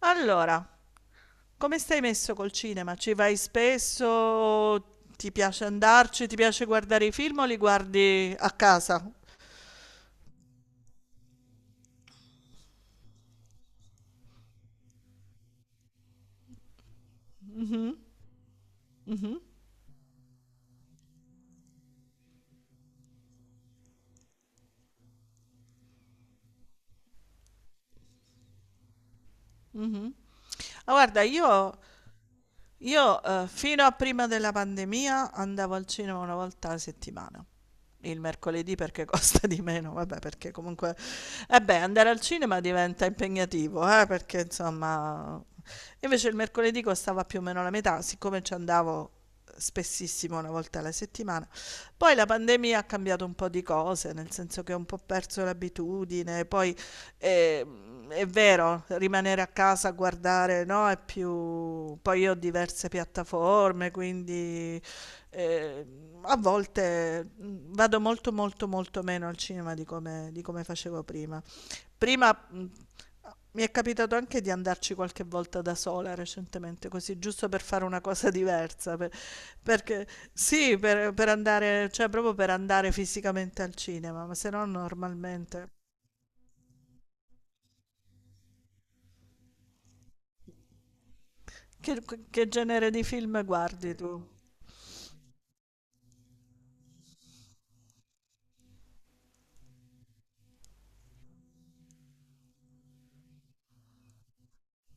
Allora, come stai messo col cinema? Ci vai spesso? Ti piace andarci? Ti piace guardare i film o li guardi a casa? Mhm. Ah, guarda, io, fino a prima della pandemia andavo al cinema una volta alla settimana. Il mercoledì perché costa di meno, vabbè, perché comunque eh beh, andare al cinema diventa impegnativo, perché insomma, invece il mercoledì costava più o meno la metà, siccome ci andavo spessissimo una volta alla settimana. Poi la pandemia ha cambiato un po' di cose, nel senso che ho un po' perso l'abitudine, poi è vero, rimanere a casa a guardare, no, è più... Poi io ho diverse piattaforme, quindi a volte vado molto molto molto meno al cinema di come facevo prima. Prima mi è capitato anche di andarci qualche volta da sola recentemente, così giusto per fare una cosa diversa, perché sì, per andare, cioè proprio per andare fisicamente al cinema, ma se no normalmente. Che, che genere di film guardi tu?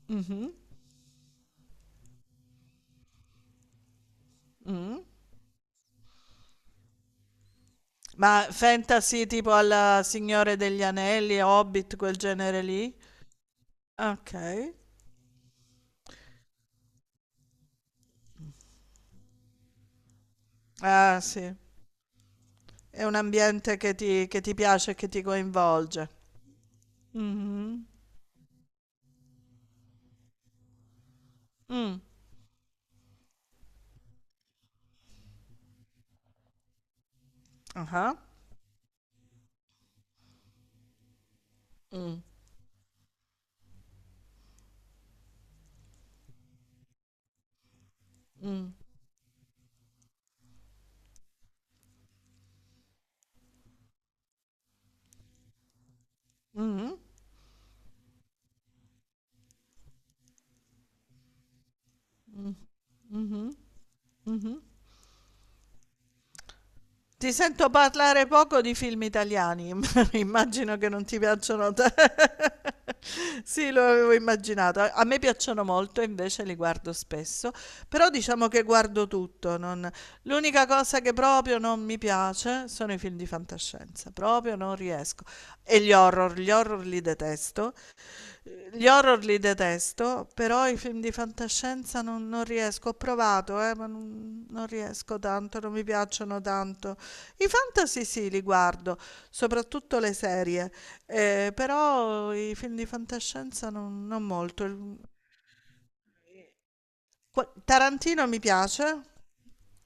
Mhm, mm. Ma fantasy tipo alla Signore degli Anelli, Hobbit, quel genere lì? Ok. Ah, sì. È un ambiente che ti piace e che ti coinvolge. Mhm. Mm. Ah. Mm. Mm. Mhm. Mm. Mhm. Mhm. Ti sento parlare poco di film italiani, immagino che non ti piacciono a te. Sì, lo avevo immaginato. A me piacciono molto, invece li guardo spesso, però diciamo che guardo tutto. L'unica cosa che proprio non mi piace sono i film di fantascienza, proprio non riesco. E gli horror li detesto, gli horror li detesto, però i film di fantascienza non riesco. Ho provato, ma non riesco tanto, non mi piacciono tanto. I fantasy sì, li guardo, soprattutto le serie, però i film di fantascienza non molto. Tarantino mi piace.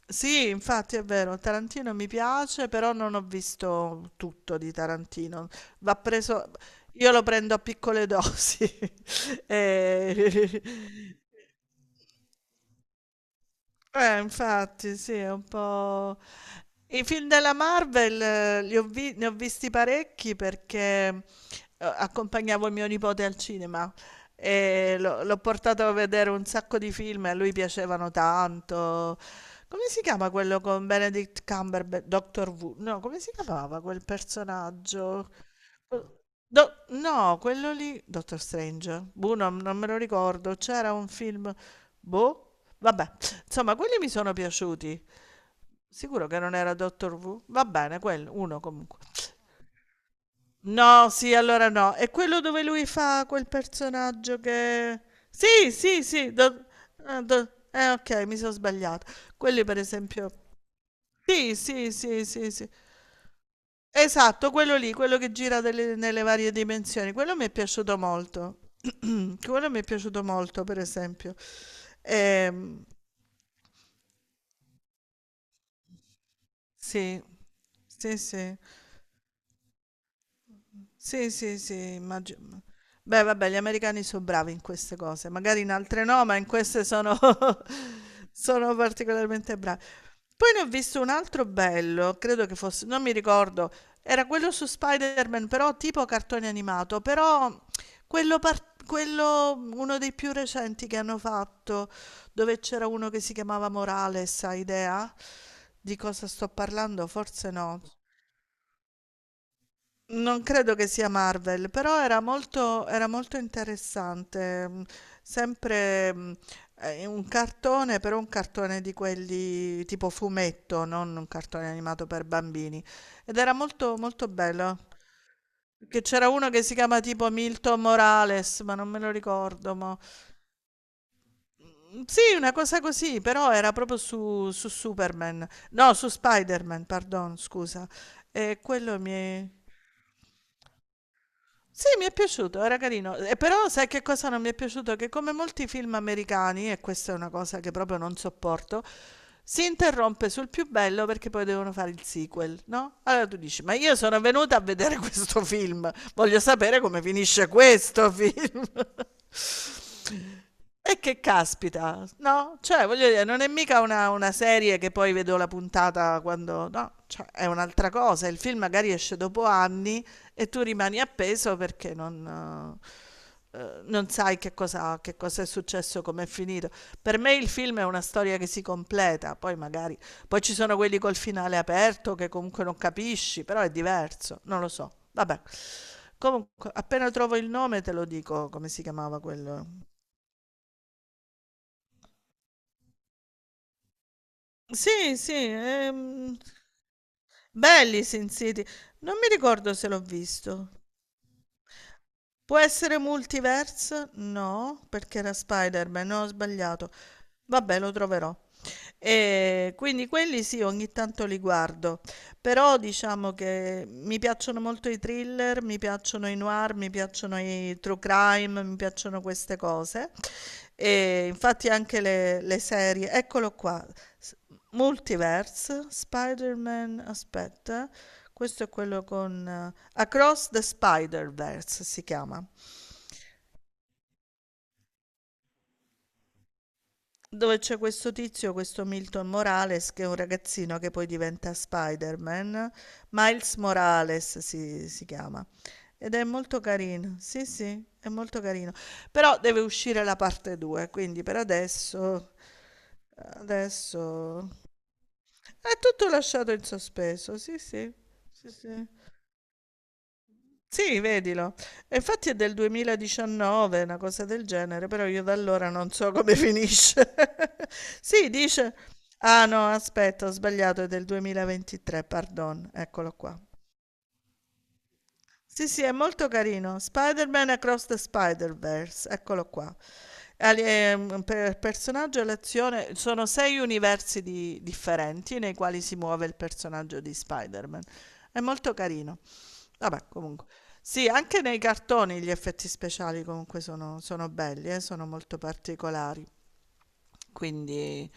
Sì, infatti è vero, Tarantino mi piace, però non ho visto tutto di Tarantino. Va preso, io lo prendo a piccole dosi. E- infatti, sì, è un po'... I film della Marvel ne ho visti parecchi perché eh, accompagnavo mio nipote al cinema e l'ho portato a vedere un sacco di film e a lui piacevano tanto. Come si chiama quello con Benedict Cumberbatch? Doctor Who? No, come si chiamava quel personaggio? Quel- no, quello lì, Doctor Strange. Boh, non me lo ricordo. C'era un film... Boh, vabbè. Insomma, quelli mi sono piaciuti. Sicuro che non era Doctor Who? Va bene, quello, uno comunque. No, sì, allora no. È quello dove lui fa quel personaggio che... Sì, sì, sì. Ok, mi sono sbagliato. Quelli per esempio... Sì, sì, sì, sì, sì. Esatto, quello lì, quello che gira nelle varie dimensioni. Quello mi è piaciuto molto. Quello mi è piaciuto molto, per esempio. Ehm, sì, sì, sì. Sì, sì, sì, immagino. Beh, vabbè, gli americani sono bravi in queste cose, magari in altre no, ma in queste sono, sono particolarmente bravi. Poi ne ho visto un altro bello, credo che fosse, non mi ricordo, era quello su Spider-Man, però tipo cartone animato, però quello, quello, uno dei più recenti che hanno fatto, dove c'era uno che si chiamava Morales, hai idea? Di cosa sto parlando? Forse no. Non credo che sia Marvel, però era molto interessante. Sempre un cartone, però un cartone di quelli tipo fumetto, non un cartone animato per bambini. Ed era molto, molto bello. Che c'era uno che si chiama tipo Milton Morales, ma non me lo ricordo. Mo. Sì, una cosa così, però era proprio su Superman. No, su Spider-Man, pardon, scusa. E quello mi è... Sì, mi è piaciuto, era carino. E però sai che cosa non mi è piaciuto? Che come molti film americani, e questa è una cosa che proprio non sopporto, si interrompe sul più bello perché poi devono fare il sequel, no? Allora tu dici, ma io sono venuta a vedere questo film, voglio sapere come finisce questo film. E che caspita, no? Cioè, voglio dire, non è mica una serie che poi vedo la puntata quando... No, cioè, è un'altra cosa. Il film magari esce dopo anni e tu rimani appeso perché non sai che cosa è successo, com'è finito. Per me il film è una storia che si completa, poi magari... Poi ci sono quelli col finale aperto che comunque non capisci, però è diverso, non lo so. Vabbè, comunque appena trovo il nome te lo dico come si chiamava quello. Sì, sì, belli i Sin City. Non mi ricordo se l'ho visto. Può essere Multiverse? No, perché era Spider-Man, no, ho sbagliato. Vabbè, lo troverò. E quindi quelli sì, ogni tanto li guardo, però diciamo che mi piacciono molto i thriller, mi piacciono i noir, mi piacciono i true crime, mi piacciono queste cose. E infatti anche le serie, eccolo qua, S- Multiverse, Spider-Man, aspetta, questo è quello con Across the Spider-Verse si chiama. Dove c'è questo tizio, questo Milton Morales, che è un ragazzino che poi diventa Spider-Man. Miles Morales si chiama. Ed è molto carino. Sì, sì, è molto carino. Però deve uscire la parte 2, quindi per adesso, adesso è tutto lasciato in sospeso. Sì, sì, sì, sì. Sì, vedilo. E infatti è del 2019, una cosa del genere, però io da allora non so come finisce. Sì, dice... Ah no, aspetta, ho sbagliato, è del 2023, pardon, eccolo qua. Sì, sì, è molto carino. Spider-Man Across the Spider-Verse, eccolo qua. Per personaggio e l'azione sono sei universi differenti nei quali si muove il personaggio di Spider-Man. È molto carino. Vabbè, comunque. Sì, anche nei cartoni gli effetti speciali comunque sono belli, sono molto particolari. Quindi...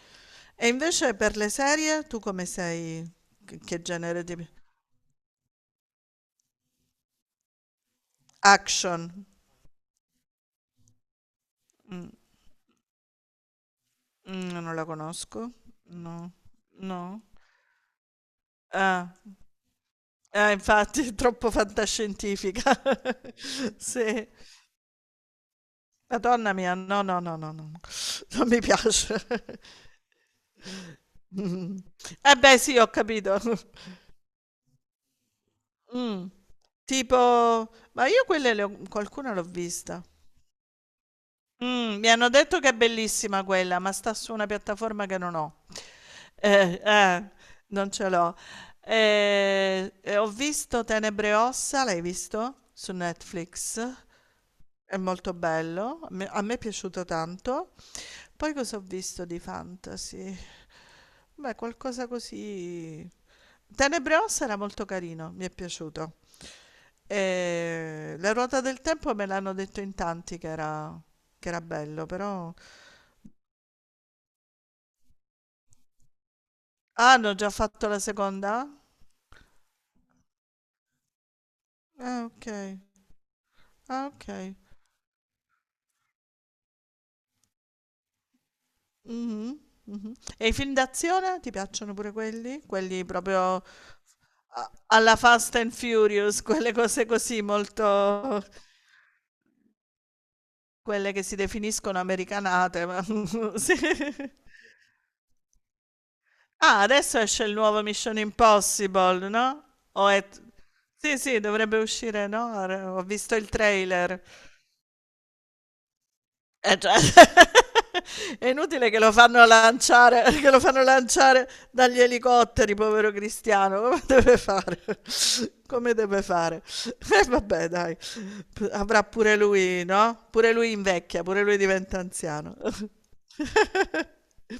E invece per le serie, tu come sei? Che genere di... Action. Mm. Mhmm, non la conosco. No, no. Ah, eh infatti è troppo fantascientifica. Sì. Madonna mia, no, no, no, no, no, non mi piace. Eh beh sì, ho capito. Mh, tipo ma io quelle le ho qualcuna l'ho vista. Mi hanno detto che è bellissima quella, ma sta su una piattaforma che non ho. Eh, eh, non ce l'ho. E ho visto Tenebre e ossa, l'hai visto? Su Netflix. È molto bello, a me è piaciuto tanto. Poi cosa ho visto di fantasy? Beh, qualcosa così. Tenebrosa era molto carino, mi è piaciuto. E La ruota del tempo me l'hanno detto in tanti che era bello, però. Ah, hanno già fatto la seconda? Ah, ok. Ah, ok. Mhm, mhm. E i film d'azione ti piacciono pure quelli? Quelli proprio alla Fast and Furious, quelle cose così molto. Quelle che si definiscono americanate, ma sì. Ah, adesso esce il nuovo Mission Impossible, no, o è t sì, sì, dovrebbe uscire, no, re ho visto il trailer. Cioè è inutile che lo fanno lanciare dagli elicotteri, povero Cristiano, come deve fare? Come deve fare? E vabbè dai, p avrà pure lui, no, pure lui invecchia, pure lui diventa anziano.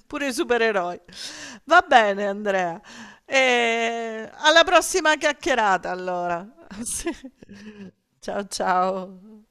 Pure i supereroi. Va bene, Andrea. E alla prossima chiacchierata, allora. Sì. Ciao ciao.